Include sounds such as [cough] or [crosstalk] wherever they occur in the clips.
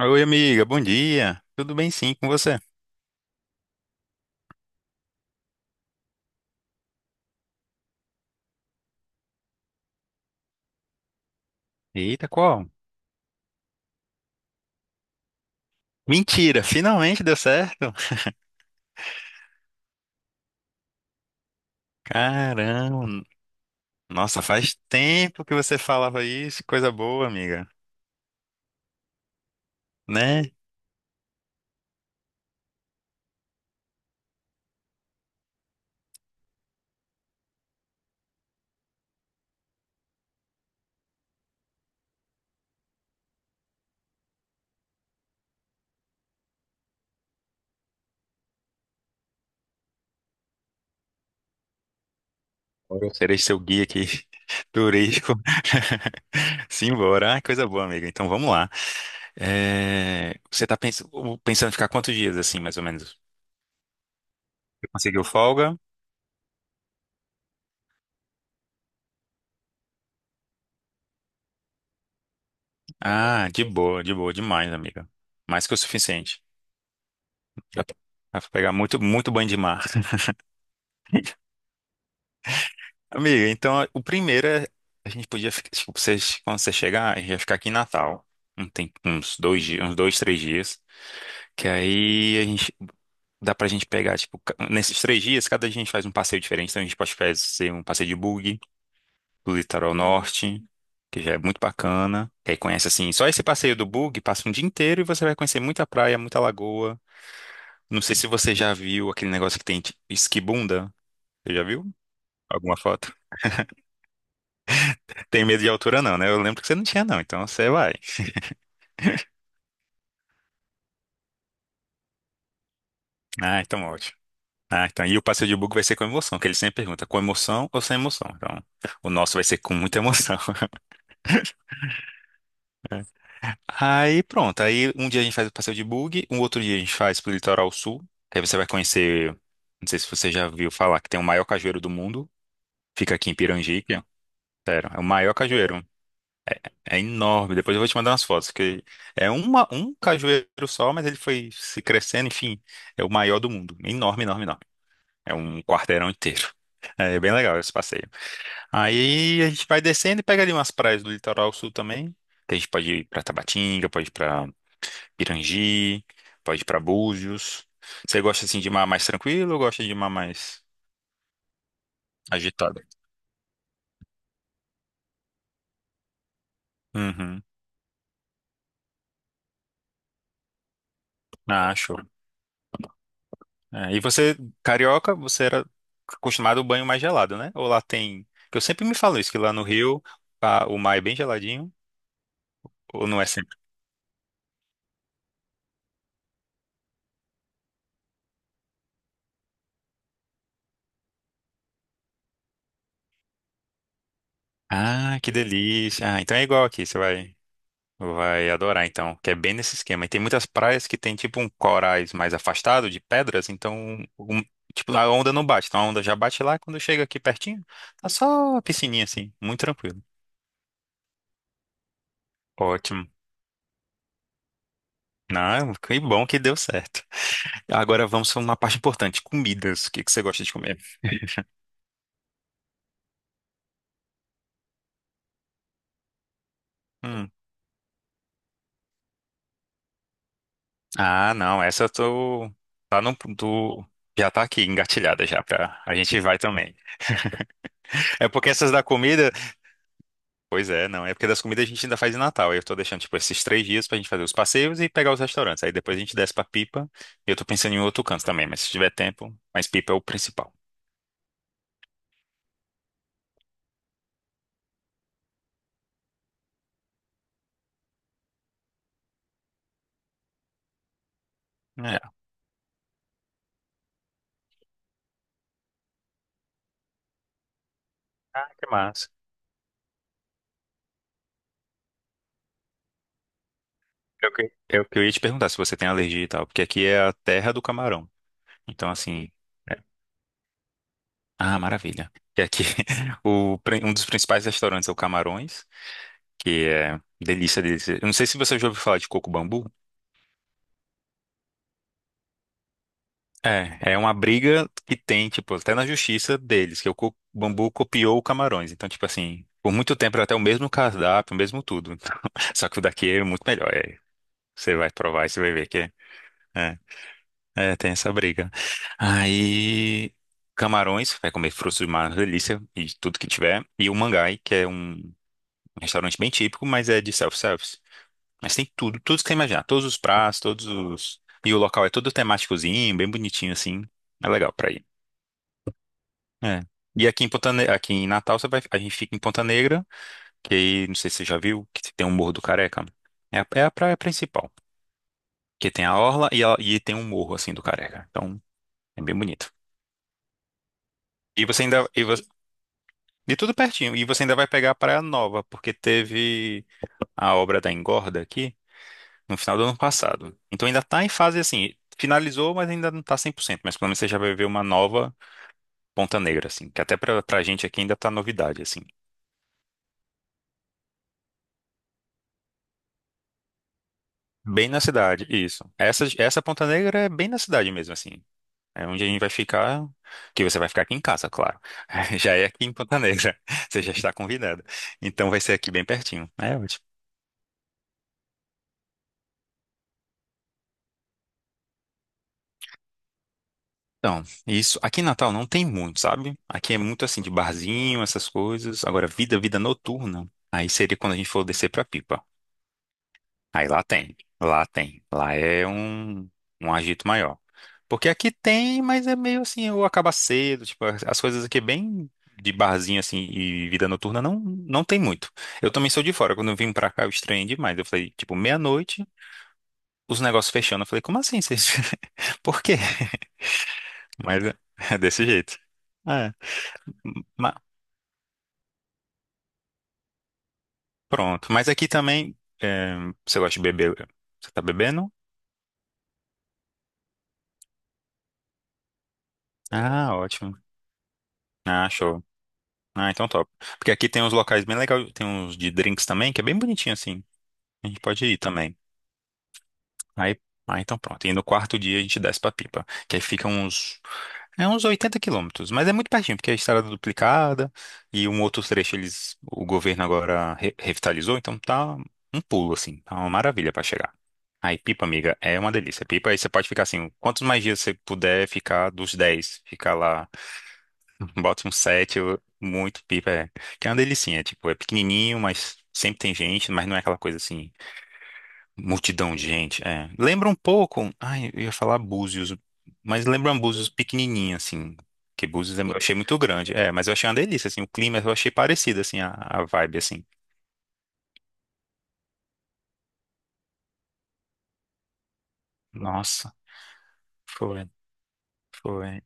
Oi, amiga, bom dia. Tudo bem sim com você? Eita, qual? Mentira, finalmente deu certo. Caramba, nossa, faz tempo que você falava isso, coisa boa, amiga, né? Agora eu serei seu guia aqui, [laughs] turístico. [laughs] Simbora, ah, coisa boa, amiga. Então vamos lá. É, você tá pensando em ficar quantos dias assim, mais ou menos? Você conseguiu folga? Ah, de boa, demais, amiga. Mais que o suficiente. Dá pra dá pra pegar muito, muito banho de mar. Amiga, então o primeiro é. A gente podia. Tipo, vocês, quando você chegar, a gente vai ficar aqui em Natal. Um tem uns 2 dias, uns 2, 3 dias. Que aí a gente. Dá pra gente pegar, tipo, nesses 3 dias, cada dia a gente faz um passeio diferente. Então a gente pode fazer um passeio de bug do litoral norte, que já é muito bacana. Que aí conhece assim, só esse passeio do bug passa um dia inteiro e você vai conhecer muita praia, muita lagoa. Não sei se você já viu aquele negócio que tem de esquibunda. Você já viu? Alguma foto? Tem medo de altura, não, né? Eu lembro que você não tinha, não. Então você vai. Ah, então ótimo. Ah, então. E o passeio de bug vai ser com emoção, que ele sempre pergunta, com emoção ou sem emoção? Então, o nosso vai ser com muita emoção. [laughs] Aí pronto. Aí um dia a gente faz o passeio de bug, um outro dia a gente faz pro litoral sul. Que aí você vai conhecer. Não sei se você já viu falar que tem o maior cajueiro do mundo. Fica aqui em Pirangique, ó. Sério, é o maior cajueiro. É enorme. Depois eu vou te mandar umas fotos, que é uma, um cajueiro só, mas ele foi se crescendo, enfim. É o maior do mundo. Enorme, enorme, enorme. É um quarteirão inteiro. É bem legal esse passeio. Aí a gente vai descendo e pega ali umas praias do litoral sul também. Que a gente pode ir pra Tabatinga, pode ir pra Pirangi, pode ir pra Búzios. Você gosta assim de mar mais tranquilo ou gosta de mar mais agitado? Uhum. Ah, show. É, e você, carioca, você era acostumado ao banho mais gelado, né? Ou lá tem. Que eu sempre me falo isso, que lá no Rio o mar é bem geladinho, ou não é sempre? Ah, que delícia. Ah, então é igual aqui, você vai. Vai adorar, então, que é bem nesse esquema. E tem muitas praias que tem tipo um corais mais afastado de pedras, então um- tipo, a onda não bate. Então a onda já bate lá, quando chega aqui pertinho, tá só a piscininha assim, muito tranquilo. Ótimo. Não, que bom que deu certo. Agora vamos para uma parte importante, comidas. O que que você gosta de comer? Hum. Ah, não, essa eu tô tá no do já tá aqui engatilhada já pra. A gente vai também. É porque essas da comida. Pois é, não. É porque das comidas a gente ainda faz em Natal. Aí eu tô deixando, tipo, esses 3 dias pra gente fazer os passeios e pegar os restaurantes. Aí depois a gente desce pra Pipa. E eu tô pensando em outro canto também, mas se tiver tempo, mas Pipa é o principal. É. Ah, que massa. Eu ia te perguntar se você tem alergia e tal, porque aqui é a terra do camarão. Então, assim. é- Ah, maravilha. E aqui, [laughs] o, um dos principais restaurantes é o Camarões, que é delícia, delícia. Eu não sei se você já ouviu falar de Coco Bambu. É, é uma briga que tem, tipo, até na justiça deles, que o co- bambu copiou o Camarões. Então, tipo assim, por muito tempo era até o mesmo cardápio, o mesmo tudo. [laughs] Só que o daqui é muito melhor. É, você vai provar e você vai ver que é. É, é, tem essa briga. Aí, Camarões, vai comer frutos do mar, uma delícia, e tudo que tiver. E o Mangai, que é um restaurante bem típico, mas é de self-service. Mas tem tudo, tudo que você imaginar. Todos os pratos, todos os. E o local é todo temáticozinho, bem bonitinho, assim. É legal pra ir. É. E aqui em aqui em Natal você vai, a gente fica em Ponta Negra, que aí, não sei se você já viu, que tem um Morro do Careca. É a praia principal, que tem a orla e, e tem um morro assim do Careca. Então, é bem bonito. E você ainda e, você, e tudo pertinho, e você ainda vai pegar a Praia Nova, porque teve a obra da Engorda aqui no final do ano passado. Então ainda tá em fase assim, finalizou, mas ainda não tá 100%, mas pelo menos você já vai ver uma nova Ponta Negra assim, que até pra gente aqui ainda tá novidade assim. Bem na cidade, isso. Essa Ponta Negra é bem na cidade mesmo, assim. É onde a gente vai ficar, que você vai ficar aqui em casa, claro. [laughs] Já é aqui em Ponta Negra. [laughs] Você já está convidado. Então vai ser aqui bem pertinho. É ótimo. Então, isso. Aqui em Natal não tem muito, sabe? Aqui é muito assim de barzinho, essas coisas. Agora, vida noturna. Aí seria quando a gente for descer pra Pipa. Aí lá tem, lá tem. Lá é um agito maior. Porque aqui tem, mas é meio assim, ou acaba cedo, tipo, as coisas aqui é bem de barzinho assim e vida noturna não tem muito. Eu também sou de fora, quando eu vim pra cá eu estranhei demais. Eu falei, tipo, meia-noite, os negócios fechando. Eu falei, como assim? Vocês. [laughs] Por quê? Mas é desse jeito. É, ma- pronto. Mas aqui também, é, você gosta de beber? Você tá bebendo? Ah, ótimo. Ah, show. Ah, então top. Porque aqui tem uns locais bem legais, tem uns de drinks também, que é bem bonitinho assim. A gente pode ir também. Aí, ah, então pronto. E no quarto dia a gente desce pra Pipa, que aí fica uns, é uns 80 quilômetros, mas é muito pertinho, porque a estrada é duplicada e um outro trecho eles, o governo agora revitalizou, então tá um pulo assim, tá uma maravilha pra chegar. Aí Pipa, amiga, é uma delícia. Pipa, aí você pode ficar assim, quantos mais dias você puder ficar dos 10, ficar lá. [laughs] Bota um set, muito pipa, é. Que é uma delicinha, tipo, é pequenininho, mas sempre tem gente, mas não é aquela coisa assim, multidão de gente, é. Lembra um pouco, ai, eu ia falar Búzios, mas lembra um Búzios pequenininho, assim, que Búzios eu achei muito grande, é, mas eu achei uma delícia, assim, o clima eu achei parecido, assim, a vibe, assim. Nossa, foi, foi.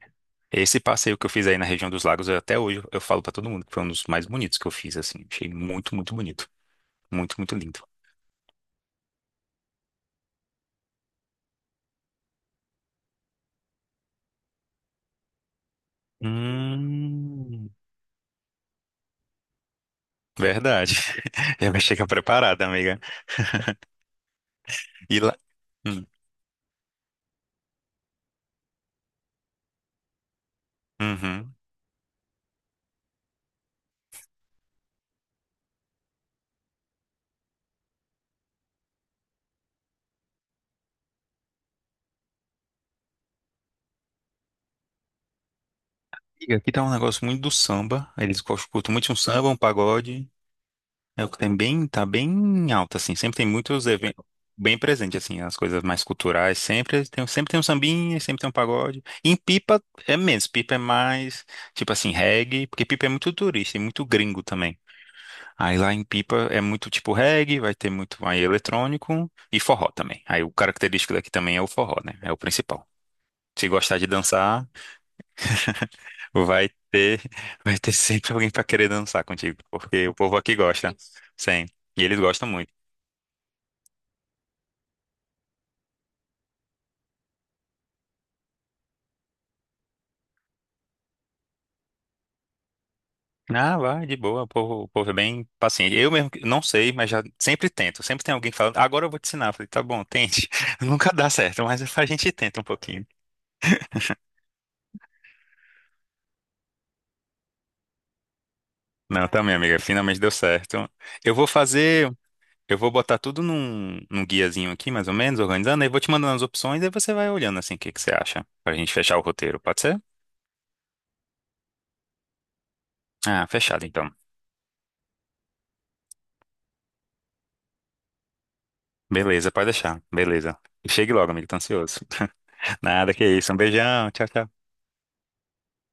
Esse passeio que eu fiz aí na região dos lagos, até hoje eu falo pra todo mundo que foi um dos mais bonitos que eu fiz, assim, achei muito, muito bonito, muito, muito lindo. Hum. Verdade. [laughs] Já vai chegar preparada, amiga. [laughs] E lá. Hum, Uhum. E aqui tá um negócio muito do samba. Eles curtem muito um samba, um pagode. É o que tem bem, tá bem alto, assim. Sempre tem muitos eventos bem presente, assim, as coisas mais culturais. Sempre tem um sambinha, sempre tem um pagode. E em Pipa é menos. Pipa é mais, tipo assim, reggae, porque Pipa é muito turista e muito gringo também. Aí lá em Pipa é muito tipo reggae, vai ter muito aí eletrônico e forró também. Aí o característico daqui também é o forró, né? É o principal. Se gostar de dançar, vai ter, [laughs] vai ter sempre alguém para querer dançar contigo, porque o povo aqui gosta. Sim. E eles gostam muito. Ah, vai, de boa, o povo é bem paciente. Eu mesmo não sei, mas já sempre tento. Sempre tem alguém falando, agora eu vou te ensinar. Eu falei, tá bom, tente. [laughs] Nunca dá certo, mas a gente tenta um pouquinho. Não, tá, minha amiga, finalmente deu certo. Eu vou fazer Eu vou botar tudo num guiazinho aqui, mais ou menos, organizando, aí vou te mandando as opções, aí você vai olhando assim o que que você acha, pra gente fechar o roteiro, pode ser? Ah, fechado então. Beleza, pode deixar. Beleza. Chegue logo, amigo, tô ansioso. [laughs] Nada que isso. Um beijão. Tchau, tchau.